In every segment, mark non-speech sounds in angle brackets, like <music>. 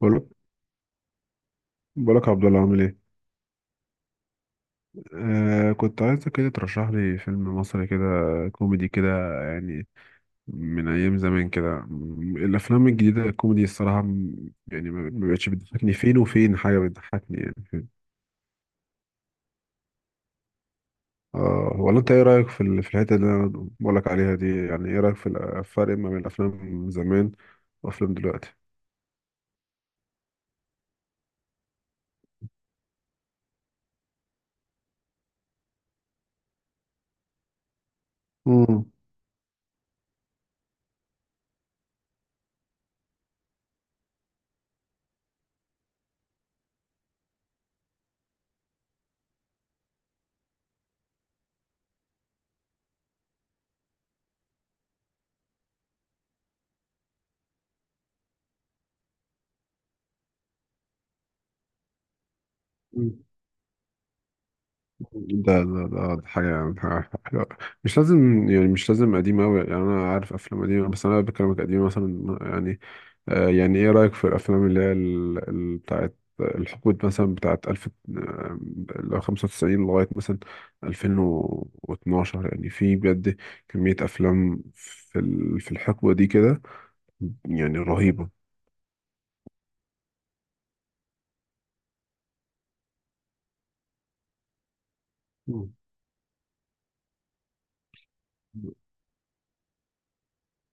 بقولك بقولك يا عبد الله، عامل ايه؟ كنت عايزك كده ترشح لي فيلم مصري كده، كوميدي كده يعني، من ايام زمان كده. الافلام الجديده الكوميدي الصراحه، يعني ما بقتش بتضحكني، فين وفين حاجه بتضحكني يعني، فين. اه، ولا انت ايه رايك في في الحته اللي انا بقولك عليها دي؟ يعني ايه رايك في الفرق ما بين الافلام زمان وافلام دلوقتي؟ امم ده حاجة حلوة. مش لازم يعني، مش لازم قديم أوي، يعني أنا عارف أفلام قديمة، بس أنا بكلمك قديم مثلا يعني، يعني إيه رأيك في الأفلام اللي هي بتاعت الحقبة مثلا، بتاعت ألف لو خمسة وتسعين لغاية مثلا ألفين واتناشر؟ يعني في بجد كمية أفلام في في الحقبة دي كده يعني، رهيبة. مم.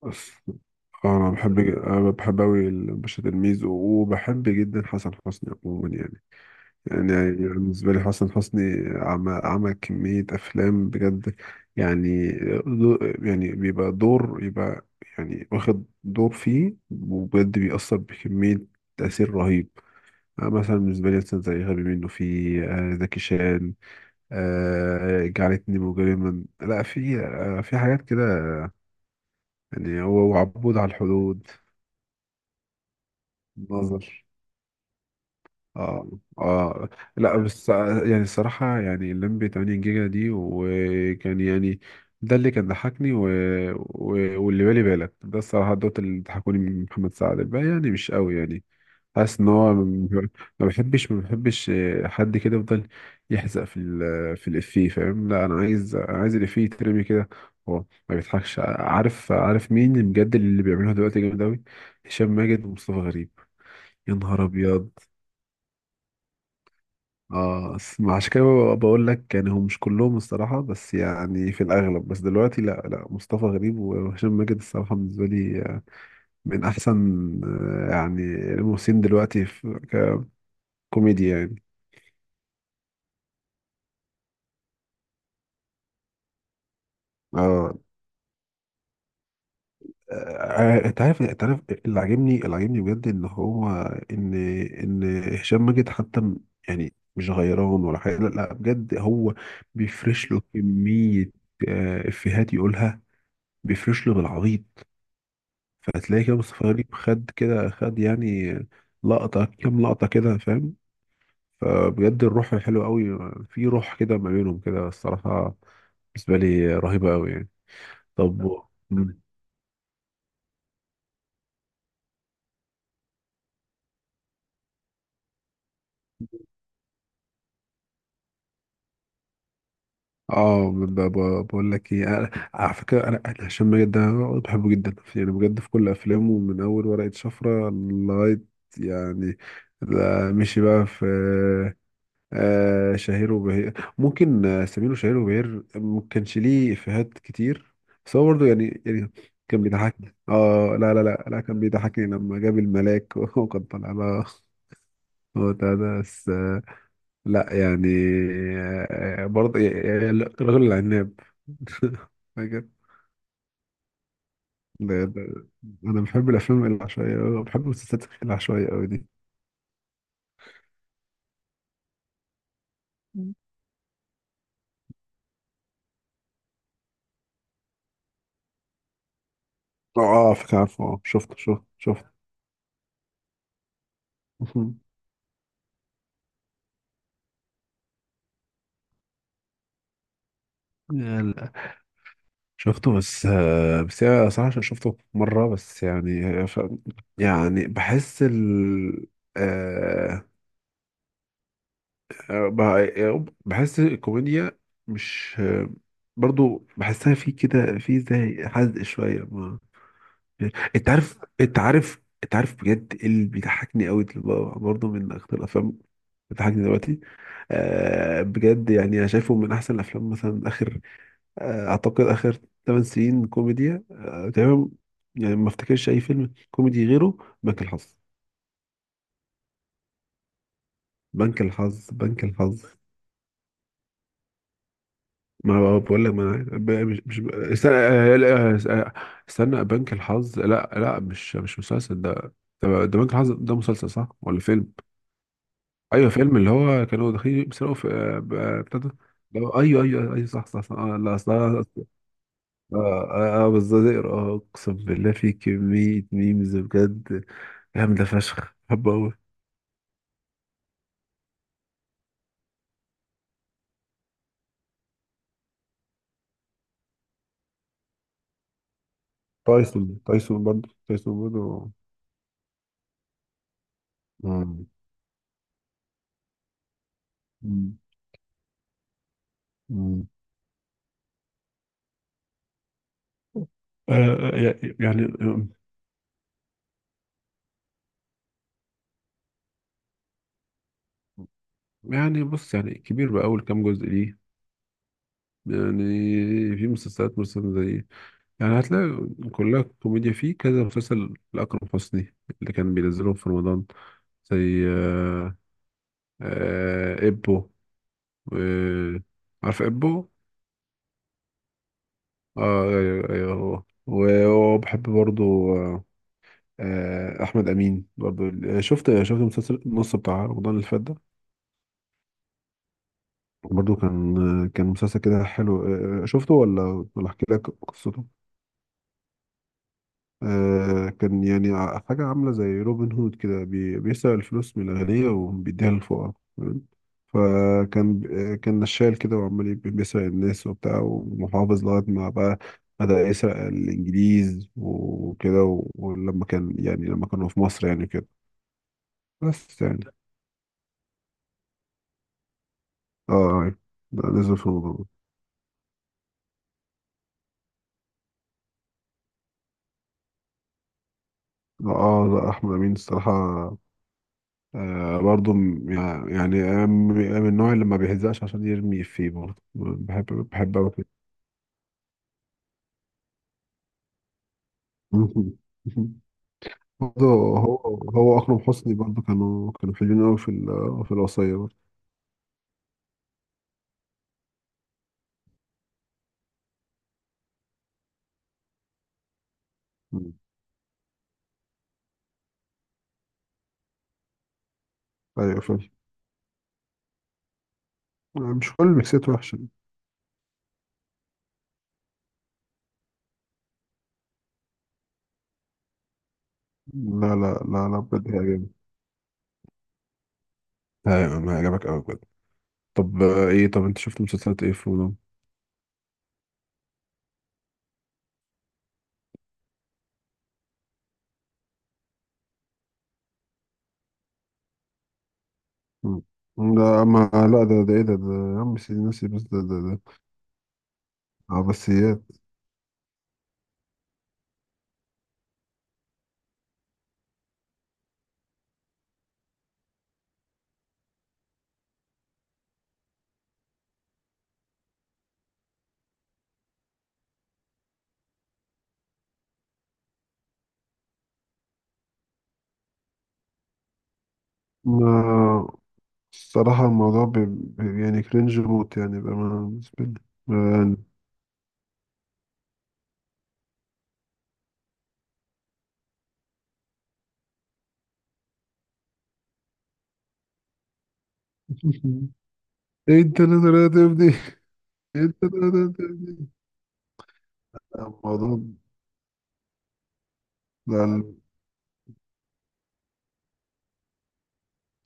بس، انا بحب اوي باشا تلميذ، وبحب جدا حسن حسني عموما يعني. يعني بالنسبه لي حسن حسني عمل كميه افلام بجد يعني. دو- يعني بيبقى دور، يبقى يعني واخد دور فيه وبجد بيأثر بكميه، تأثير رهيب. أنا مثلا بالنسبة لي، مثلا زي غبي منه في، زكي شان، جعلتني مجرما، لا في في حاجات كده يعني، هو وعبود على الحدود، نظر. اه، اه. لا بس، يعني الصراحة يعني اللمبي 8 جيجا دي وكان يعني، ده اللي كان ضحكني و... واللي بالي بالك ده. الصراحة دوت اللي ضحكوني من محمد سعد، الباقي يعني مش قوي يعني. حاسس ان هو ما بحبش حد كده يفضل يحزق في في الافيه، فاهم؟ لا انا عايز، انا عايز الافيه يترمي كده هو، ما بيضحكش. عارف مين بجد اللي بيعملها دلوقتي جامد قوي؟ هشام ماجد ومصطفى غريب. يا نهار ابيض. اه، عشان كده، بقول لك يعني، هم مش كلهم الصراحة، بس يعني في الأغلب، بس دلوقتي لا لا، مصطفى غريب وهشام ماجد الصراحة بالنسبة لي من أحسن يعني الممثلين دلوقتي في كوميديا يعني. اه، انت عارف اللي عاجبني بجد، ان هو، ان ان هشام ماجد حتى، يعني مش غيران ولا حاجة، لا لا، بجد هو بيفرش له كمية إفيهات يقولها، بيفرش له بالعبيط. فهتلاقي كده مصطفى غريب خد كده، خد يعني لقطة، كام لقطة كده، فاهم؟ فبجد الروح حلوة قوي، في روح كده ما بينهم كده الصراحة، بالنسبة لي رهيبة قوي يعني. طب. مم. اه، بقول لك ايه، على فكرة انا، هشام ماجد ده بحبه جدا يعني، بجد في كل افلامه من اول ورقة شفرة لغاية، يعني ده مشي بقى في شهير وبهير، ممكن سمير وشهير وبهير، ما كانش ليه إفيهات كتير بس هو برضه يعني كان بيضحكني. اه، لا كان بيضحكني لما جاب الملاك <laughs> وكان طالع بقى هو ده، بس لا يعني، برضه يعني الرجل العناب <laughs> فاكر؟ ده انا بحب الافلام العشوائيه أوي، بحب المسلسلات العشوائيه قوي دي. اه، فاكر؟ عارفه؟ اه، شفته، شفته، شفته. <laughs> يلا. شفته، بس بس يعني انا صراحة عشان شفته مرة بس يعني، يعني بحس ال، آه، بحس الكوميديا مش، برضو بحسها في كده، في زي حزق شوية ما. انت عارف انت عارف بجد إيه اللي بيضحكني قوي؟ برضو من اكتر الافلام اللي بتضحكني دلوقتي، بجد يعني انا شايفه من احسن الافلام مثلا، اخر، اعتقد اخر 8 سنين كوميديا، تمام، يعني ما افتكرش اي فيلم كوميدي غيره. بنك الحظ. بنك الحظ. ما هو بقول لك، ما أنا عارف. ب- مش مش ب- استنى، لا، استنى، بنك الحظ لا لا، مش مسلسل ده. ده بنك الحظ ده مسلسل صح ولا فيلم؟ ايوه، فيلم، اللي هو كانوا داخلين بيسرقوا في بتاع ده، ايوه ايوه ايوه، صح صح صح، آه لا صح اه. اه، بالظبط، اه اقسم بالله في كمية ميمز بجد جامدة فشخ، بحبه أوي. تايسون برضه، تايسون برضه. مم. مم. مم. آه يعني يعني بص، يعني كبير بقى أول كام جزء ليه يعني، في مسلسلات مثلا زي، يعني هتلاقي كلها كوميديا، فيه كذا مسلسل لأكرم حسني اللي كان بينزلهم في رمضان، زي إبو، آه عارف إبو؟ أيوه أيوه، هو، وبحب برضه آه، احمد امين برضو. شفت مسلسل النص بتاع رمضان اللي فات ده؟ برضو كان، كان مسلسل كده حلو، شفته ولا ولا احكي لك قصته؟ كان يعني حاجه عامله زي روبن هود كده، بيسرق الفلوس من الاغنياء وبيديها للفقراء، تمام؟ فكان، كان نشال كده وعمال، بيسرق الناس وبتاع ومحافظ، لغايه ما بقى بدأ يسرق الإنجليز وكده، ولما كان يعني، لما كانوا في مصر يعني كده، بس يعني، اه لا، لازم في الموضوع ده. لا اه، لا، احمد امين الصراحه برضو، يعني، أنا من، النوع اللي ما بيهزقش عشان يرمي فيه، برضه بحب، بحب أوي كده. <laughs> برضه هو، هو اكرم حسني برضه كانوا حلوين قوي في في الوصيه برضه. مم. ايوه، فعلا، مش كل ميكسات وحشه. لا بجد هيعجبك. ايوه، ما هيعجبك قوي بجد. طب، ايه، طب انت شفت مسلسلات ايه في رمضان؟ مم. ده، ما لا، ده، ده ايه ده ده يا عم، سيدي ناسي، بس ده عباسيات، ما الصراحة الموضوع، يعني كرنج موت يعني، بأمانة بالنسبة لي، ما يعني. <laughs> ايه التنازلات دي، ايه التنازلات دي؟ الموضوع، لا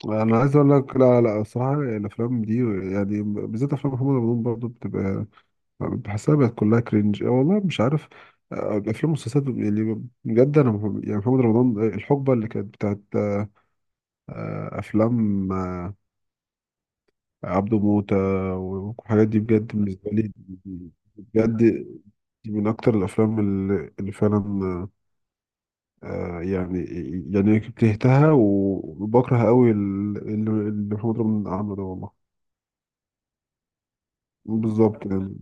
لا، انا عايز اقول لك، لا لا، الصراحه يعني الافلام دي، يعني بالذات افلام محمد رمضان برضو بتبقى، بحسها بقت كلها كرنج. أه والله مش عارف، الافلام والمسلسلات يعني بجد انا، يعني محمد رمضان الحقبه اللي كانت بتاعت افلام عبده موتة والحاجات دي، بجد بالنسبة لي بجد دي من أكتر الأفلام اللي فعلا آه، يعني يعني كرهتها. وبكره قوي اللي محمد رمضان عمله ده والله. بالظبط يعني.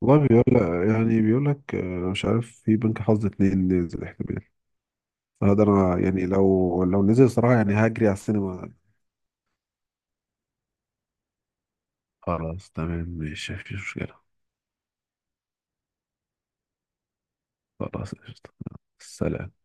والله، بيقول لك، يعني بيقول لك مش عارف في بنك حظ اتنين نزل احتمال، فهذا أنا يعني، لو نزل صراحة يعني هجري على السينما. خلاص، تمام، ماشي، مفيش مشكلة. خلاص، قشطة. سلام.